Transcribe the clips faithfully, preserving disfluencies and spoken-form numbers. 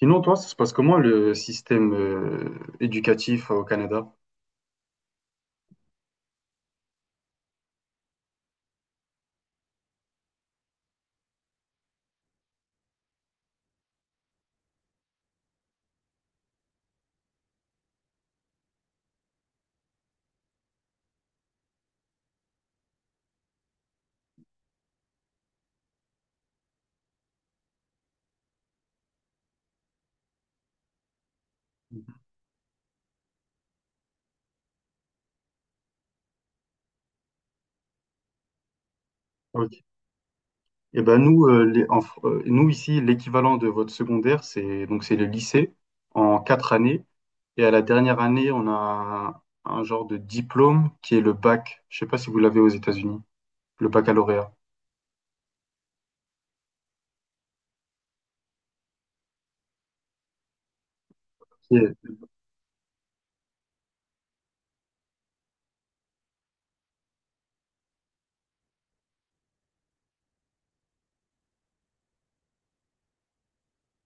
Sinon, toi, ça se passe comment le système euh, éducatif euh, au Canada? Ok. Eh ben nous, euh, les- en Fr- euh, nous ici, l'équivalent de votre secondaire, c'est donc c'est le lycée en quatre années. Et à la dernière année, on a un, un genre de diplôme qui est le bac. Je sais pas si vous l'avez aux États-Unis, le baccalauréat. Ok.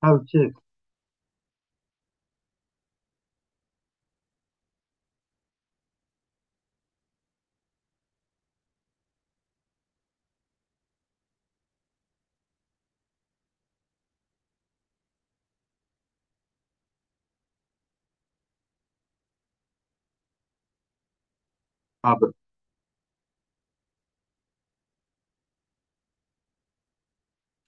Ah ok. Ah bah,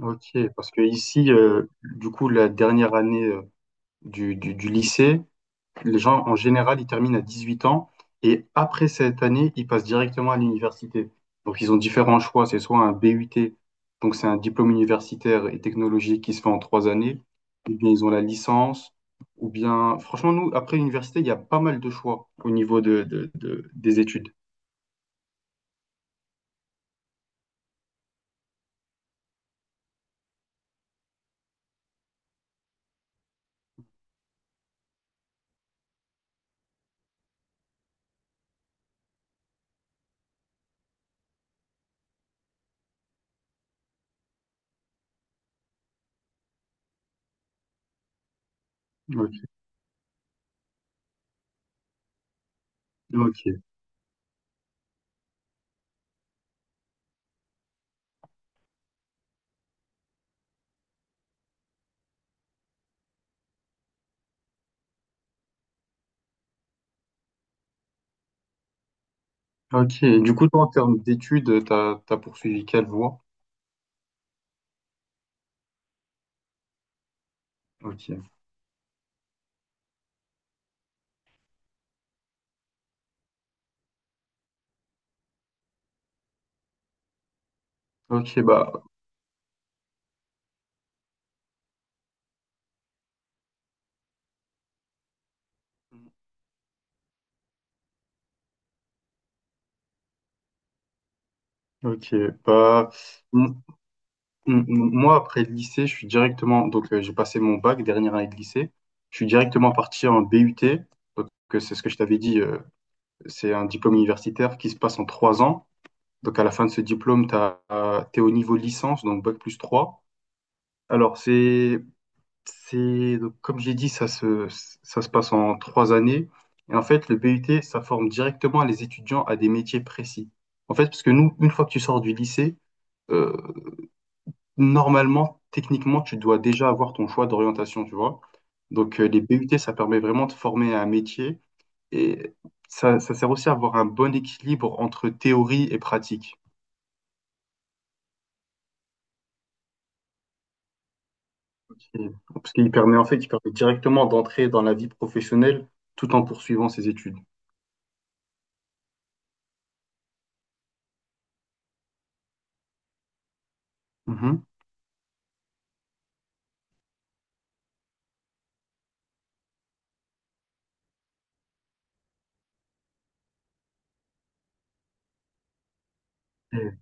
ok. Parce que ici, euh, du coup, la dernière année euh, du, du, du lycée. Les gens, en général, ils terminent à dix-huit ans et après cette année, ils passent directement à l'université. Donc, ils ont différents choix. C'est soit un B U T, donc c'est un diplôme universitaire et technologique qui se fait en trois années, ou bien ils ont la licence, ou bien, franchement, nous, après l'université, il y a pas mal de choix au niveau de, de- de- des études. Ok, ok, ok. Et du coup, toi, en termes d'études, t'as, t'as poursuivi quelle voie? Ok, ok, bah, ok, bah. M- m- Moi, après le lycée, je suis directement, donc euh, j'ai passé mon bac, dernière année de lycée, je suis directement parti en B U T, donc euh, c'est ce que je t'avais dit, euh, c'est un diplôme universitaire qui se passe en trois ans. Donc à la fin de ce diplôme, t'as, euh, t'es au niveau licence, donc bac plus trois. Alors c'est, c'est, donc, comme j'ai dit, ça se, ça se passe en trois années. Et en fait, le B U T, ça forme directement les étudiants à des métiers précis. En fait, parce que nous, une fois que tu sors du lycée, euh, normalement, techniquement, tu dois déjà avoir ton choix d'orientation, tu vois. Donc, euh, les B U T, ça permet vraiment de former à un métier et ça, ça sert aussi à avoir un bon équilibre entre théorie et pratique. Et- Parce qu'il permet, en fait, il permet directement d'entrer dans la vie professionnelle tout en poursuivant ses études. Mhm. Et-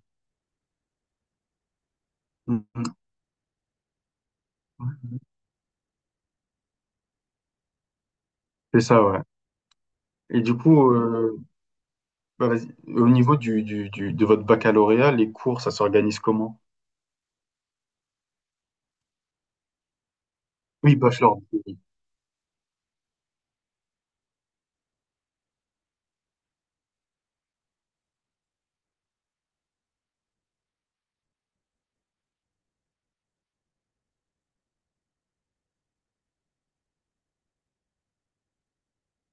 Mhm. C'est ça, ouais. Et du coup, euh, bah, vas-y. Au niveau du, du, du- de votre baccalauréat, les cours, ça s'organise comment? Oui, bachelor.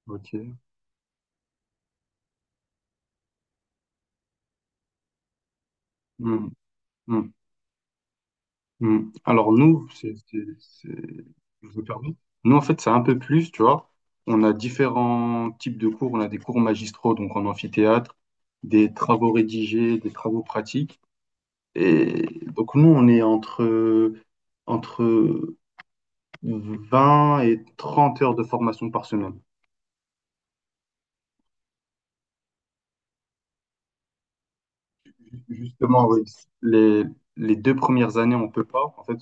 Ok. Hmm, hmm. Hmm. Alors nous, c'est, c'est, c'est- je me permets. Nous, en fait, c'est un peu plus, tu vois. On a différents types de cours. On a des cours magistraux, donc en amphithéâtre, des travaux rédigés, des travaux pratiques. Et donc nous, on est entre, entre vingt et trente heures de formation par semaine. Justement, oui. Les, les deux premières années, on peut pas. En fait,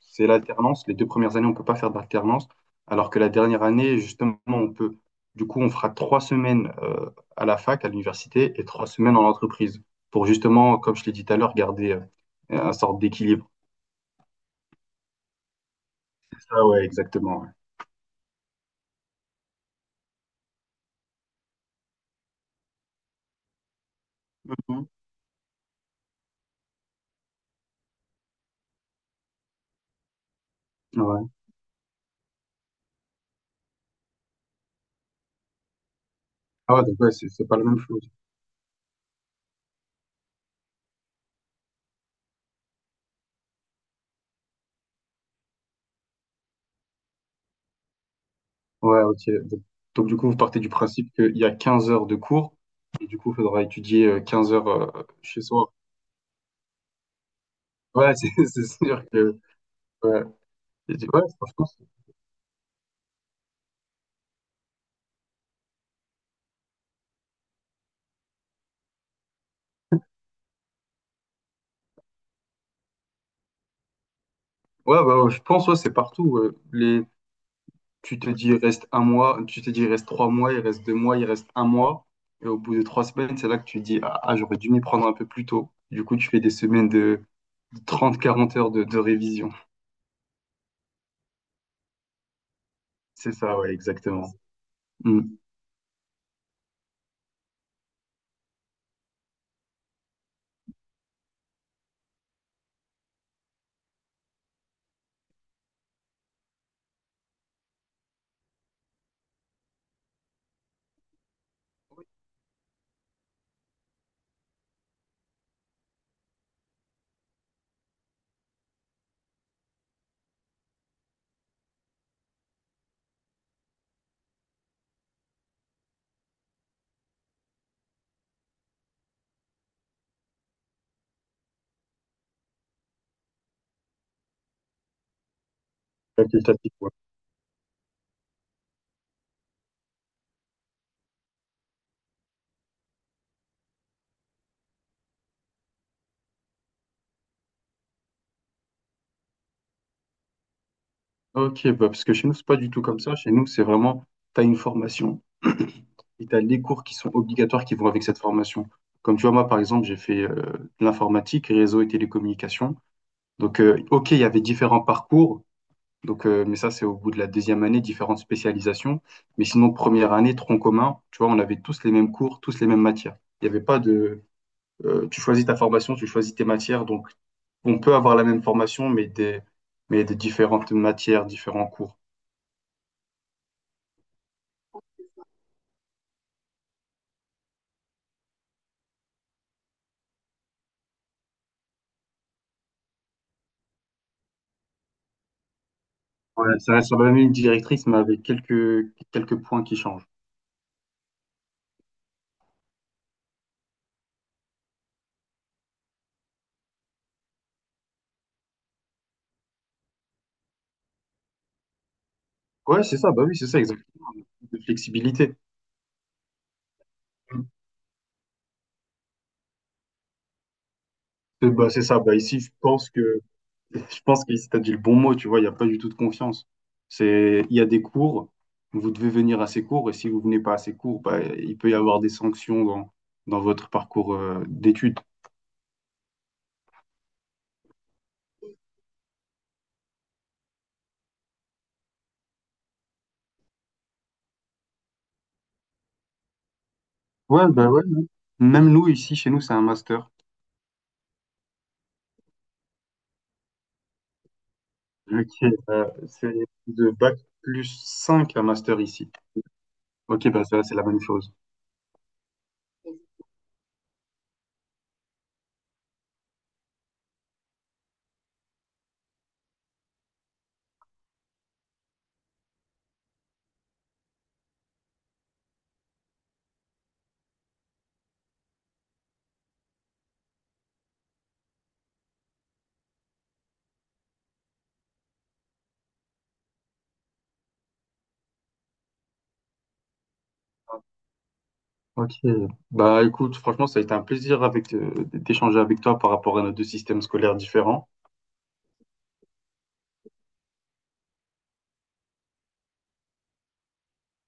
c'est l'alternance. Les deux premières années, on peut pas faire d'alternance. Alors que la dernière année, justement, on peut. Du coup, on fera trois semaines euh, à la fac, à l'université, et trois semaines en entreprise. Pour justement, comme je l'ai dit tout à l'heure, garder euh, un sorte d'équilibre. Ah ouais, exactement. Ouais. Mhm. Ouais. Ah ouais, donc ouais, c'est c'est pas la même chose. Ouais, ok. Donc, donc du coup, vous partez du principe qu'il y a quinze heures de cours et du coup, il faudra étudier euh, quinze heures euh, chez soi. Ouais, c'est c'est sûr que ouais. Et tu- ouais, franchement, c'est- ouais, bah, ouais, je pense ouais, c'est partout. Ouais. Les, tu te dis il reste un mois, tu te dis il reste trois mois, il reste deux mois, il reste un mois. Et au bout de trois semaines, c'est là que tu te dis ah, ah, j'aurais dû m'y prendre un peu plus tôt. Du coup, tu fais des semaines de, de trente quarante heures de, de révision. C'est ça, ouais, exactement. Mm. Facultatif. Ok, bah, parce que chez nous, c'est pas du tout comme ça. Chez nous, c'est vraiment, tu as une formation et tu as les cours qui sont obligatoires qui vont avec cette formation. Comme tu vois, moi, par exemple, j'ai fait euh, de l'informatique, réseau et télécommunications. Donc, euh, ok, il y avait différents parcours, donc, euh, mais ça, c'est au bout de la deuxième année, différentes spécialisations. Mais sinon, première année, tronc commun, tu vois, on avait tous les mêmes cours, tous les mêmes matières. Il n'y avait pas de. Euh, tu choisis ta formation, tu choisis tes matières. Donc, on peut avoir la même formation, mais des, mais des différentes matières, différents cours. Ouais, ça reste sur la même ligne directrice, mais avec quelques, quelques points qui changent. Ouais, c'est ça, bah oui, c'est ça, exactement. De flexibilité. Euh, Bah, c'est ça, bah ici, je pense que, je pense qu'ici, t'as dit le bon mot, tu vois, il n'y a pas du tout de confiance. C'est, il y a des cours, vous devez venir à ces cours, et si vous venez pas à ces cours, bah, il peut y avoir des sanctions dans, dans votre parcours euh, d'études. Ouais, bah ouais. Ouais. Même nous, ici, chez nous, c'est un master. Ok, euh, c'est de bac plus cinq un master ici. Ok, bah ça, c'est la même chose. Ok. Bah écoute, franchement, ça a été un plaisir avec euh, d'échanger avec toi par rapport à nos deux systèmes scolaires différents.